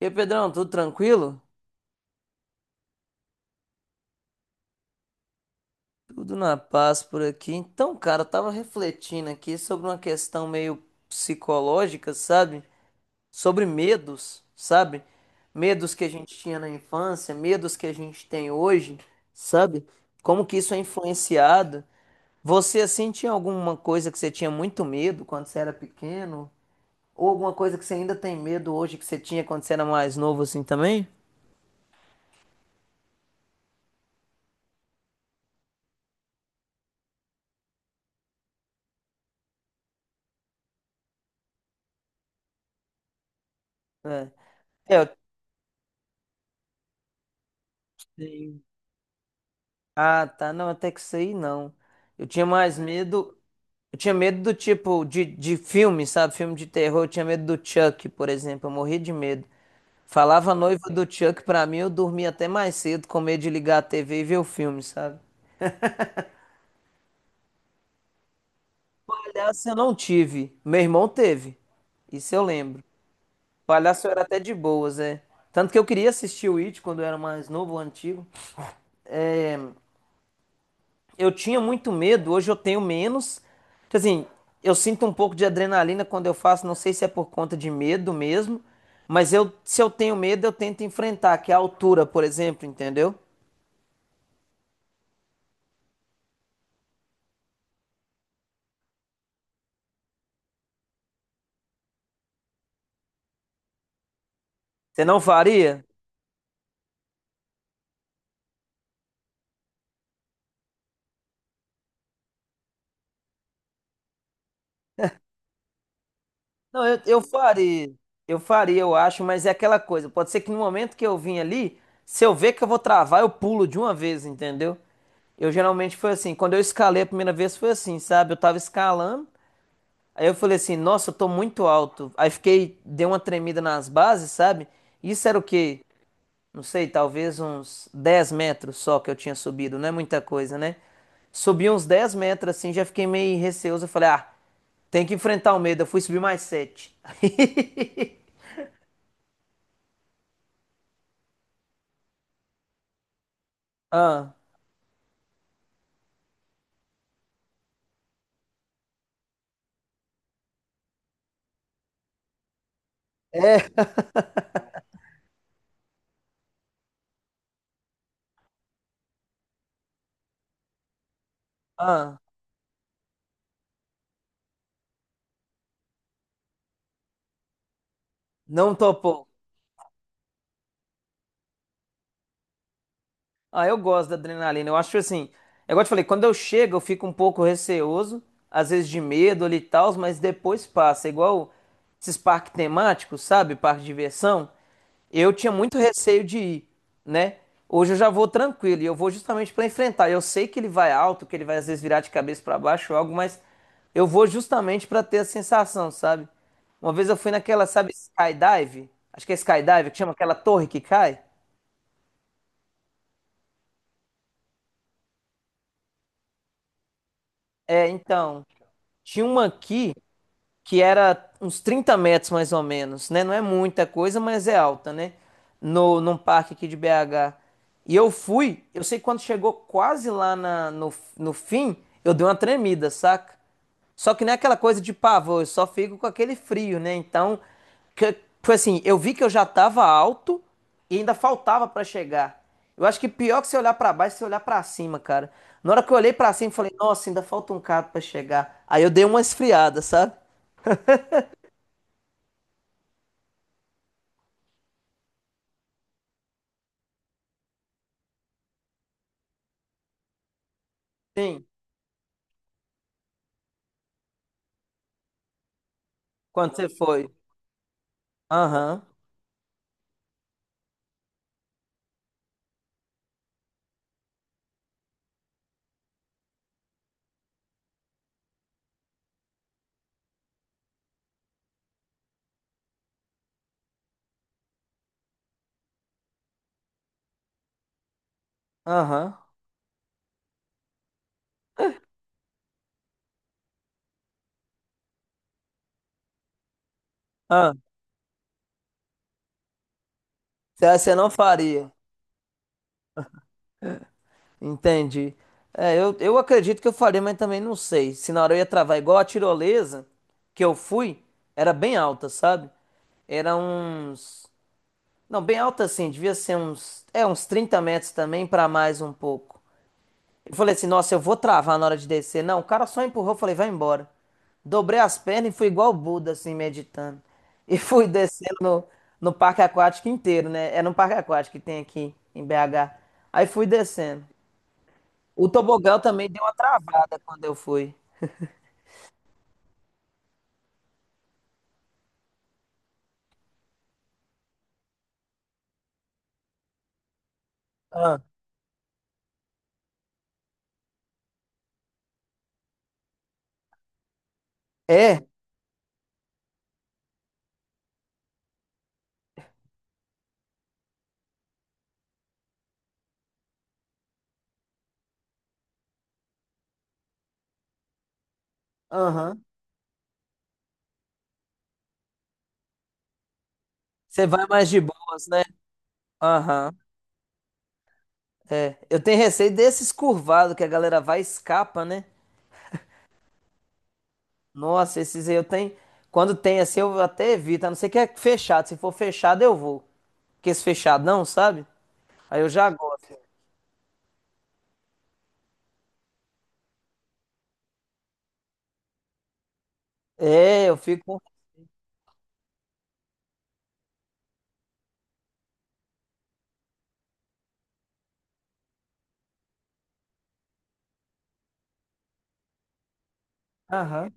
E aí, Pedrão, tudo tranquilo? Tudo na paz por aqui. Então, cara, eu tava refletindo aqui sobre uma questão meio psicológica, sabe? Sobre medos, sabe? Medos que a gente tinha na infância, medos que a gente tem hoje, sabe? Como que isso é influenciado? Você, assim, tinha alguma coisa que você tinha muito medo quando você era pequeno? Ou alguma coisa que você ainda tem medo hoje que você tinha quando você era mais novo, assim, também? É, É, eu tenho. Ah, tá. Não, até que isso aí não. Eu tinha mais medo. Eu tinha medo do tipo de filme, sabe? Filme de terror. Eu tinha medo do Chuck, por exemplo. Eu morria de medo. Falava a noiva do Chuck pra mim, eu dormia até mais cedo, com medo de ligar a TV e ver o filme, sabe? Palhaço eu não tive. Meu irmão teve. Isso eu lembro. Palhaço eu era até de boas, é. Tanto que eu queria assistir o It quando eu era mais novo, o antigo. É, eu tinha muito medo, hoje eu tenho menos. Tipo assim, eu sinto um pouco de adrenalina quando eu faço, não sei se é por conta de medo mesmo, mas eu, se eu tenho medo, eu tento enfrentar, que é a altura, por exemplo, entendeu? Você não faria? Não, eu faria. Eu faria, eu acho, mas é aquela coisa. Pode ser que no momento que eu vim ali, se eu ver que eu vou travar, eu pulo de uma vez, entendeu? Eu geralmente foi assim. Quando eu escalei a primeira vez, foi assim, sabe? Eu tava escalando. Aí eu falei assim, nossa, eu tô muito alto. Aí fiquei, dei uma tremida nas bases, sabe? Isso era o quê? Não sei, talvez uns 10 metros só que eu tinha subido, não é muita coisa, né? Subi uns 10 metros assim, já fiquei meio receoso. Eu falei, ah, tem que enfrentar o medo. Eu fui subir mais sete. Ah, é, ah, não topou. Ah, eu gosto da adrenalina. Eu acho assim, é igual eu te falei, quando eu chego, eu fico um pouco receoso, às vezes de medo ali e tal, mas depois passa. É igual esses parques temáticos, sabe? Parque de diversão. Eu tinha muito receio de ir, né? Hoje eu já vou tranquilo e eu vou justamente para enfrentar. Eu sei que ele vai alto, que ele vai às vezes virar de cabeça para baixo ou algo, mas eu vou justamente para ter a sensação, sabe? Uma vez eu fui naquela, sabe, skydive? Acho que é skydive que chama aquela torre que cai. É, então. Tinha uma aqui, que era uns 30 metros mais ou menos, né? Não é muita coisa, mas é alta, né? No, num parque aqui de BH. E eu fui, eu sei que quando chegou quase lá no fim, eu dei uma tremida, saca? Só que não é aquela coisa de pavor, eu só fico com aquele frio, né? Então, que, foi assim, eu vi que eu já tava alto e ainda faltava pra chegar. Eu acho que pior que você olhar pra baixo, você olhar pra cima, cara. Na hora que eu olhei pra cima, eu falei, nossa, ainda falta um bocado pra chegar. Aí eu dei uma esfriada, sabe? Sim, quando você foi. Aham, aham. Ah, você não faria. Entendi. É, eu acredito que eu faria, mas também não sei. Se na hora eu ia travar, igual a tirolesa que eu fui, era bem alta, sabe? Era uns. Não, bem alta assim, devia ser uns. É, uns 30 metros também, pra mais um pouco. Eu falei assim, nossa, eu vou travar na hora de descer. Não, o cara só empurrou, eu falei, vai embora. Dobrei as pernas e fui igual o Buda, assim, meditando. E fui descendo no parque aquático inteiro, né? É no parque aquático que tem aqui em BH. Aí fui descendo. O tobogão também deu uma travada quando eu fui. Ah. É? Aham. Você vai mais de boas, né? Aham, é. Eu tenho receio desses curvados que a galera vai e escapa, né? Nossa, esses aí eu tenho. Quando tem assim, eu até evito, a não ser que é fechado. Se for fechado, eu vou. Porque esse fechado não, sabe? Aí eu já gosto. É, eu fico. Aham.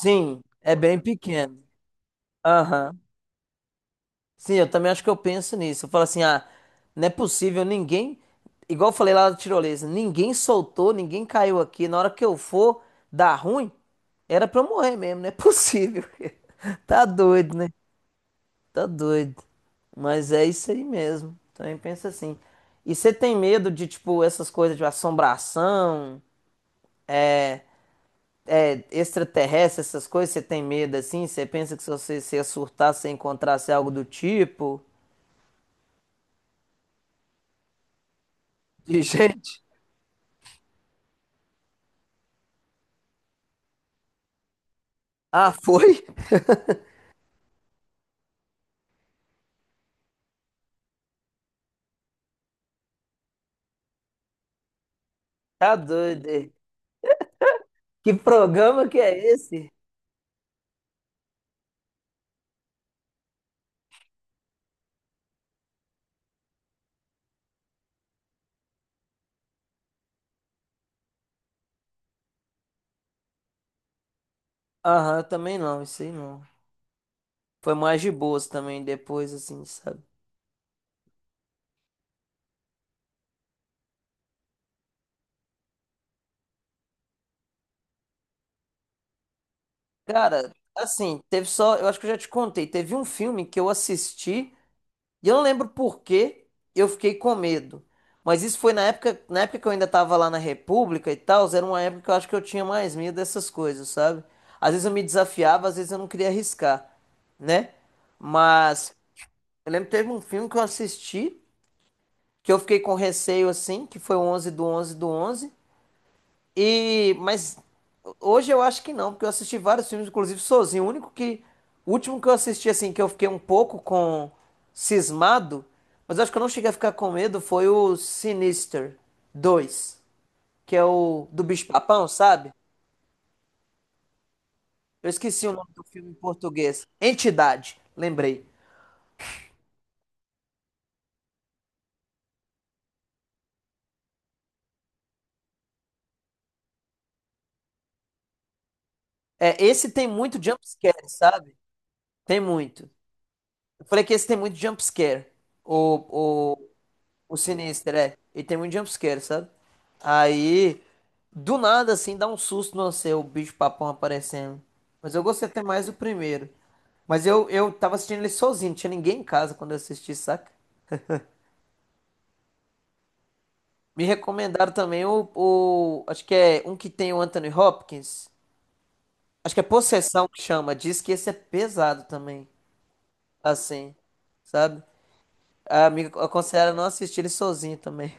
Sim, é bem pequeno. Aham. Sim, eu também acho que eu penso nisso. Eu falo assim, ah, não é possível, ninguém. Igual eu falei lá da tirolesa, ninguém soltou, ninguém caiu aqui. Na hora que eu for dar ruim, era pra eu morrer mesmo, não é possível. Tá doido, né? Tá doido. Mas é isso aí mesmo. Também pensa assim. E você tem medo de, tipo, essas coisas de assombração, é, extraterrestre, essas coisas? Você tem medo assim? Você pensa que se você se surtar, você encontrasse algo do tipo? De gente? Ah, foi? Tá doido. É. Que programa que é esse? Aham, também não, isso aí não. Foi mais de boas também depois, assim, sabe? Cara, assim, teve só. Eu acho que eu já te contei. Teve um filme que eu assisti. E eu não lembro por que eu fiquei com medo. Mas isso foi na época que eu ainda tava lá na República e tal, era uma época que eu acho que eu tinha mais medo dessas coisas, sabe? Às vezes eu me desafiava, às vezes eu não queria arriscar, né? Mas eu lembro que teve um filme que eu assisti, que eu fiquei com receio assim, que foi o 11 do 11 e, mas hoje eu acho que não, porque eu assisti vários filmes, inclusive sozinho. O último que eu assisti, assim, que eu fiquei um pouco com cismado, mas eu acho que eu não cheguei a ficar com medo, foi o Sinister 2, que é o do Bicho-Papão, sabe? Eu esqueci o nome do filme em português. Entidade, lembrei. É, esse tem muito jump scare, sabe? Tem muito. Eu falei que esse tem muito jump scare. O, o O Sinistro, é. Ele tem muito jumpscare, sabe? Aí, do nada, assim, dá um susto no você, o bicho papão aparecendo. Mas eu gostei até mais do primeiro. Mas eu, tava assistindo ele sozinho, não tinha ninguém em casa quando eu assisti, saca? Me recomendaram também o. Acho que é um que tem o Anthony Hopkins. Acho que é Possessão que chama. Diz que esse é pesado também. Assim, sabe? A amiga aconselharam não assistir ele sozinho também.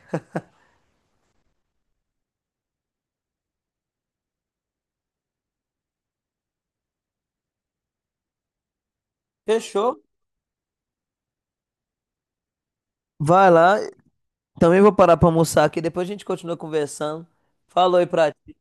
Fechou? Vai lá, também vou parar para almoçar aqui, depois a gente continua conversando. Falou aí pra ti.